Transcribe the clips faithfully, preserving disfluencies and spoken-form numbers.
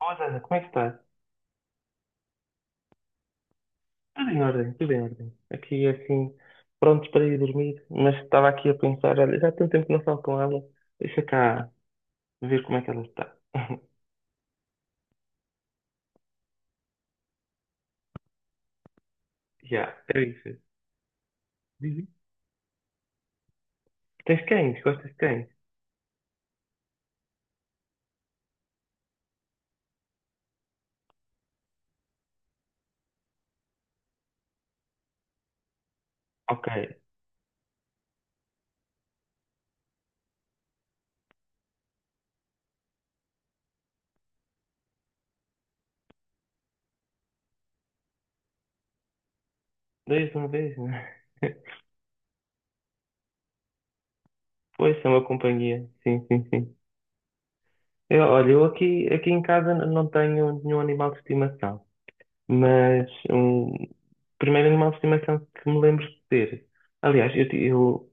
Olá, Ana, como é que estás? Tudo em ordem, tudo em ordem. Aqui, assim, prontos para ir dormir, mas estava aqui a pensar, olha, já há tanto tempo que não falo com ela, deixa cá ver como é que ela está. Já, é isso. Diz isso. Tens cães? Gostas de cães? Ok, dois de uma vez, né? Pois, são uma companhia. Sim, sim, sim. Eu, olha, eu aqui, aqui em casa n- não tenho nenhum animal de estimação, mas um primeiro animal de estimação que me lembro de ter. Aliás, eu, ti- eu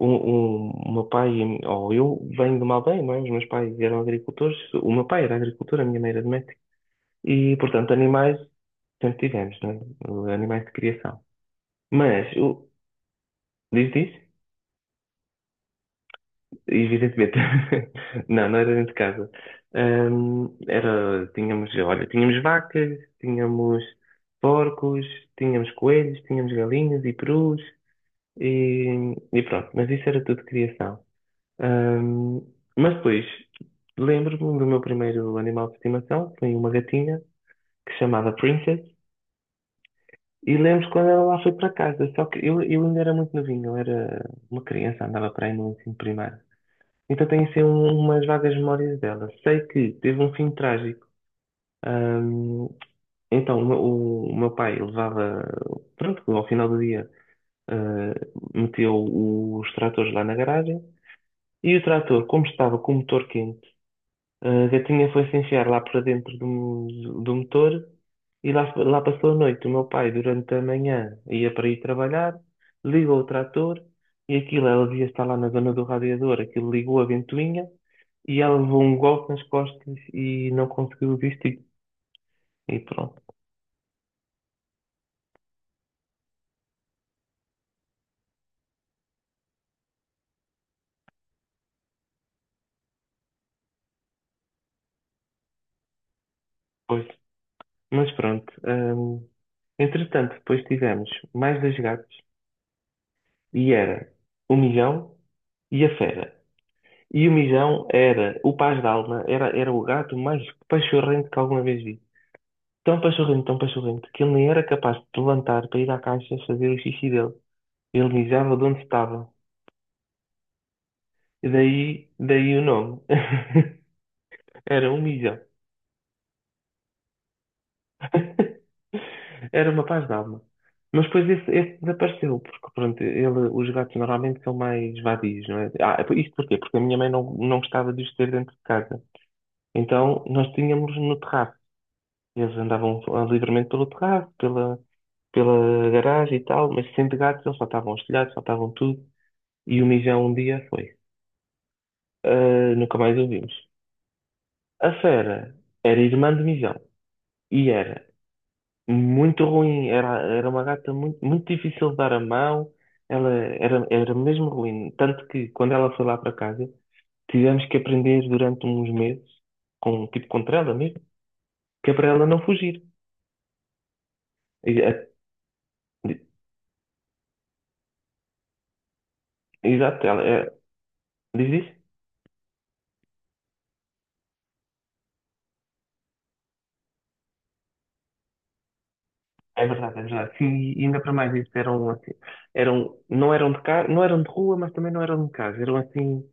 O, o, o meu pai, e a mi- ou eu, venho de uma aldeia, não é? Os meus pais eram agricultores. O meu pai era agricultor, a minha mãe era doméstica. E, portanto, animais sempre tivemos, não é? Animais de criação. Mas, o, diz isso? Evidentemente. Não, não era dentro de casa. Hum, era, tínhamos, olha, tínhamos vacas, tínhamos porcos, tínhamos coelhos, tínhamos galinhas e perus. E, e pronto, mas isso era tudo criação. Ahm, mas depois lembro-me do meu primeiro animal de estimação, foi uma gatinha que se chamava Princess, e lembro quando ela lá foi para casa, só que eu, eu ainda era muito novinho, eu era uma criança, andava para aí no ensino primário. Então tenho assim um- umas vagas memórias dela. Sei que teve um fim trágico. Ahm, então o, meu o meu pai levava, pronto, ao final do dia, ah, meteu os tratores lá na garagem, e o trator, como estava com o motor quente, a gatinha foi-se enfiar lá para dentro do, do motor e lá, lá passou a noite. O meu pai, durante a manhã, ia para ir trabalhar, ligou o trator e aquilo, ela devia estar lá na zona do radiador, aquilo ligou a ventoinha e ela levou um golpe nas costas e não conseguiu vestir. E pronto, pois. Mas pronto. Hum, entretanto, depois tivemos mais dois gatos e era o Milhão e a Fera. E o Mijão era, o Paz d'Alma, era, era o gato mais pachorrento que alguma vez vi. Tão pachorrento, tão pachorrento, que ele nem era capaz de levantar para ir à caixa fazer o xixi dele. Ele mijava de onde estava. E daí, daí o nome. Era um Mijão. Era uma Paz d'Alma. Mas depois esse, esse desapareceu, porque pronto, ele, os gatos normalmente são mais vadios, não é? Ah, isto porquê? Porque a minha mãe não, não gostava de os ter dentro de casa. Então nós tínhamos no terraço. E eles andavam ah, livremente pelo terraço, pela, pela garagem e tal, mas sendo gatos eles saltavam os telhados, saltavam tudo. E o Mijão um dia foi. Ah, nunca mais o vimos. A Fera era irmã de Mijão e era muito ruim, era, era uma gata muito, muito difícil de dar a mão, ela era, era mesmo ruim. Tanto que quando ela foi lá para casa, tivemos que aprender durante uns meses, com, tipo contra ela mesmo, que é para ela não fugir. E- é- Exato, ela é, diz isso? É verdade, é verdade. Sim, e ainda para mais isso, eram assim, eram, não eram de casa, não eram de rua, mas também não eram de casa, eram assim,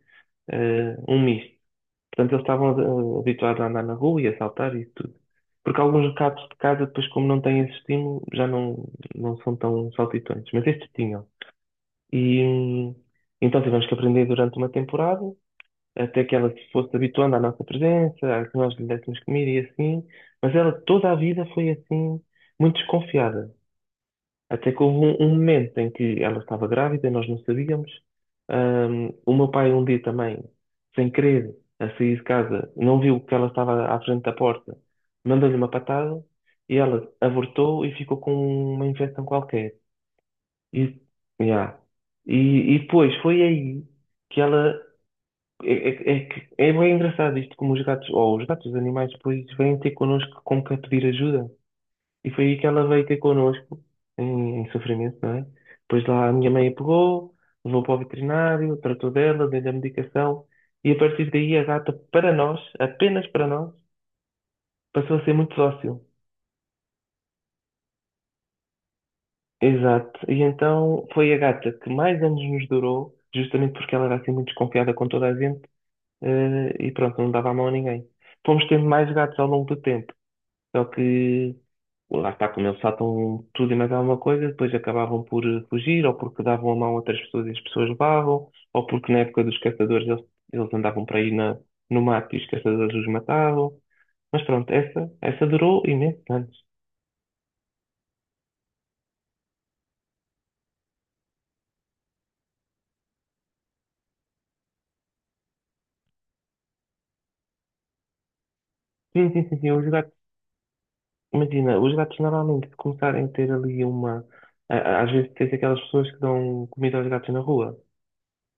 eh, um misto. Portanto, eles estavam eh, habituados a andar na rua e a saltar e tudo. Porque alguns gatos de casa, depois, como não têm esse estímulo, já não, não são tão saltitões, mas estes tinham. E hum, então tivemos que aprender durante uma temporada, até que ela se fosse habituando à nossa presença, a que nós lhe dessemos comida e assim, mas ela toda a vida foi assim, muito desconfiada. Até que houve um, um momento em que ela estava grávida, nós não sabíamos. Ahm, o meu pai um dia também, sem querer, a sair de casa, não viu que ela estava à frente da porta, mandou-lhe uma patada e ela abortou e ficou com uma infecção qualquer. E, yeah. E, e depois foi aí que ela. É, é, é, que- é bem engraçado isto, como os gatos, ou os gatos, os animais, depois vêm ter connosco como que a pedir ajuda. E foi aí que ela veio ter connosco, em, em sofrimento, não é? Depois lá a minha mãe a pegou, levou para o veterinário, tratou dela, deu-lhe a medicação, e a partir daí a gata, para nós, apenas para nós, passou a ser muito dócil. Exato. E então foi a gata que mais anos nos durou, justamente porque ela era assim muito desconfiada com toda a gente, eh, e pronto, não dava a mão a ninguém. Fomos tendo mais gatos ao longo do tempo, só que lá está, como eles saltam tudo e mais alguma coisa, depois acabavam por eh, fugir, ou porque davam a mão a outras pessoas e as pessoas levavam, ou porque na época dos caçadores eles, eles andavam por aí na, no mato e os caçadores os matavam. Mas pronto, essa, essa durou imensos anos. Sim, sim, sim, sim, os gatos, imagina, os gatos normalmente se começarem a ter ali uma. a- a- Às vezes tens aquelas pessoas que dão comida aos gatos na rua.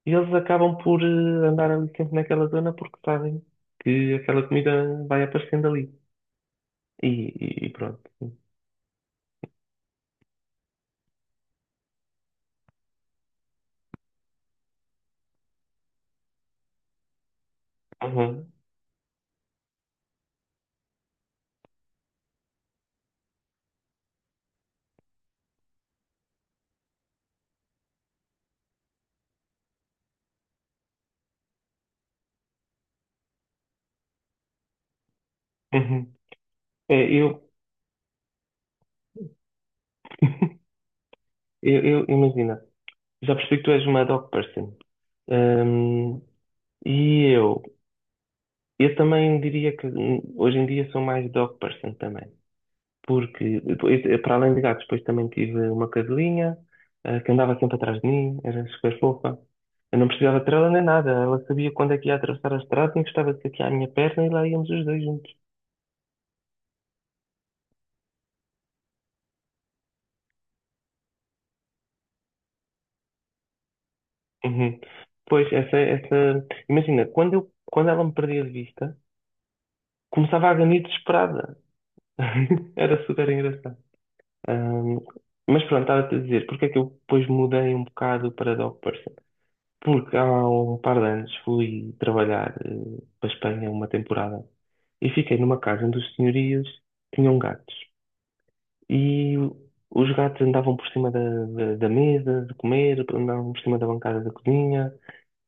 E eles acabam por eh, andar ali sempre naquela zona porque sabem que aquela comida vai aparecendo ali. E, e- e pronto. Uhum, uhum. Eh, Eu, eu, eu- Imagina, já percebi que tu és uma dog person. Hum, e eu, eu também diria que hum, hoje em dia sou mais dog person também. Porque, depois, eh, para além de gatos, depois também tive uma cadelinha, eh, que andava sempre atrás de mim, era super fofa. Eu não precisava de trela nem nada, ela sabia quando é que ia atravessar a estrada, encostava-se aqui à minha perna e lá íamos os dois juntos. Uhum. Pois, essa, essa, imagina, quando eu, quando ela me perdia de vista, começava a ganir desesperada. Era super engraçado. Ahm, mas pronto, estava-te a dizer, porque é que eu depois mudei um bocado para dog person? Porque há um par de anos fui trabalhar eh, para a Espanha uma temporada e fiquei numa casa onde os senhorios tinham gatos. E os gatos andavam por cima da, da, da mesa de comer, andavam por cima da bancada da cozinha,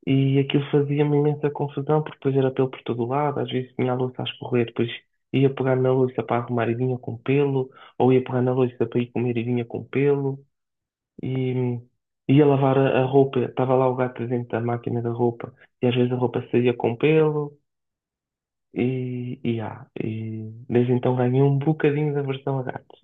e aquilo fazia-me imensa confusão, porque depois era pelo por todo lado, às vezes tinha a louça a escorrer, depois ia pegar na louça para arrumar e vinha com pelo, ou ia pegar na louça para ir comer e vinha com pelo, e hum, ia lavar a, a roupa, estava lá o gato dentro da máquina da roupa, e às vezes a roupa saía com pelo, e, e, ah, e desde então ganhei um bocadinho de aversão a gatos.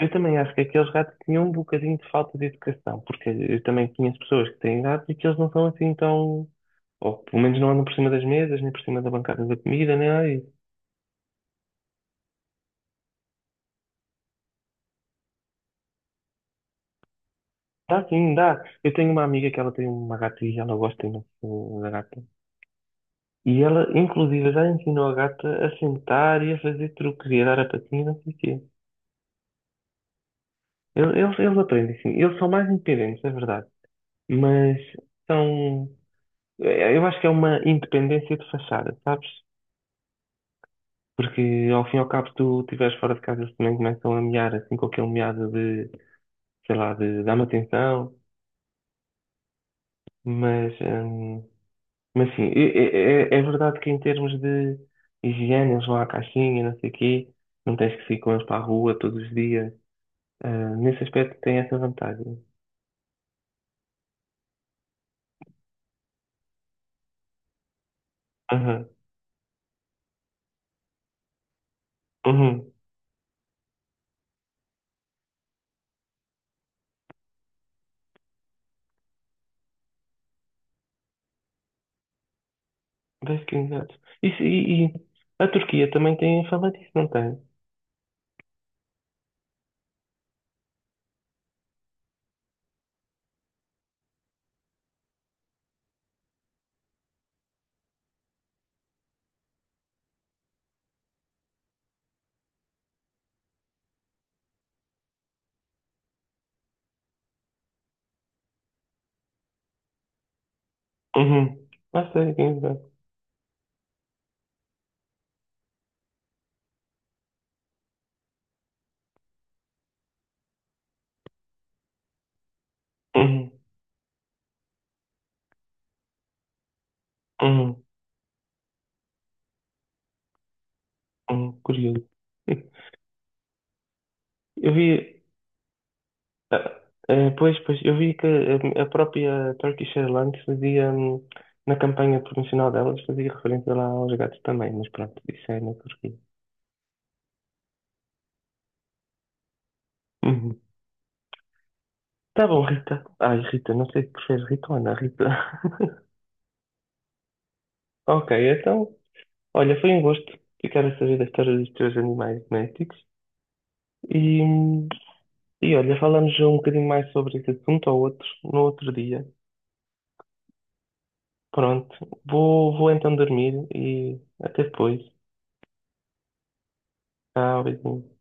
Eu também acho que aqueles gatos tinham um bocadinho de falta de educação, porque eu também conheço pessoas que têm gatos e que eles não são assim tão. Ou pelo menos não andam por cima das mesas, nem por cima da bancada da comida, nem nada disso. Dá sim, dá. Eu tenho uma amiga que ela tem uma gata e ela gosta imenso da gata. E ela, inclusive, já ensinou a gata a sentar e a fazer truques e a dar a patinha e não sei o quê. Eles, eles eles aprendem, sim. Eles são mais independentes, é verdade. Mas são. Eu acho que é uma independência de fachada, sabes? Porque ao fim e ao cabo, se tu estiveres fora de casa, eles também começam a miar, assim, com aquele miado de, sei lá, de dar me atenção. Mas, hum, mas sim, é, é- é verdade que em termos de higiene, eles vão à caixinha, não sei o quê, não tens que sair com eles para a rua todos os dias. Ah, nesse aspecto, tem essa vantagem. Aham, uhum. Basically, exato. Isso, e, e a Turquia também tem fama disso, não tem? Uhum. Não sei, quem sabe. Uhum. Uhum. Uhum. Curioso. Eu vi. Ah, eh, Pois, pois, eu vi que a, a própria Turkish Airlines fazia, hum, na campanha promocional delas, fazia referência lá aos gatos também, mas pronto, isso é na Turquia. Uhum. Tá bom, Rita. Ai, Rita, não sei se preferes Rita ou Ana, Rita. Ok, então, olha, foi um gosto ficar a saber da história dos teus animais domésticos. E, hum, e olha, falamos um bocadinho mais sobre esse assunto ou outro, no outro dia. Pronto, vou, vou então dormir e até depois. Tchau, beijinho.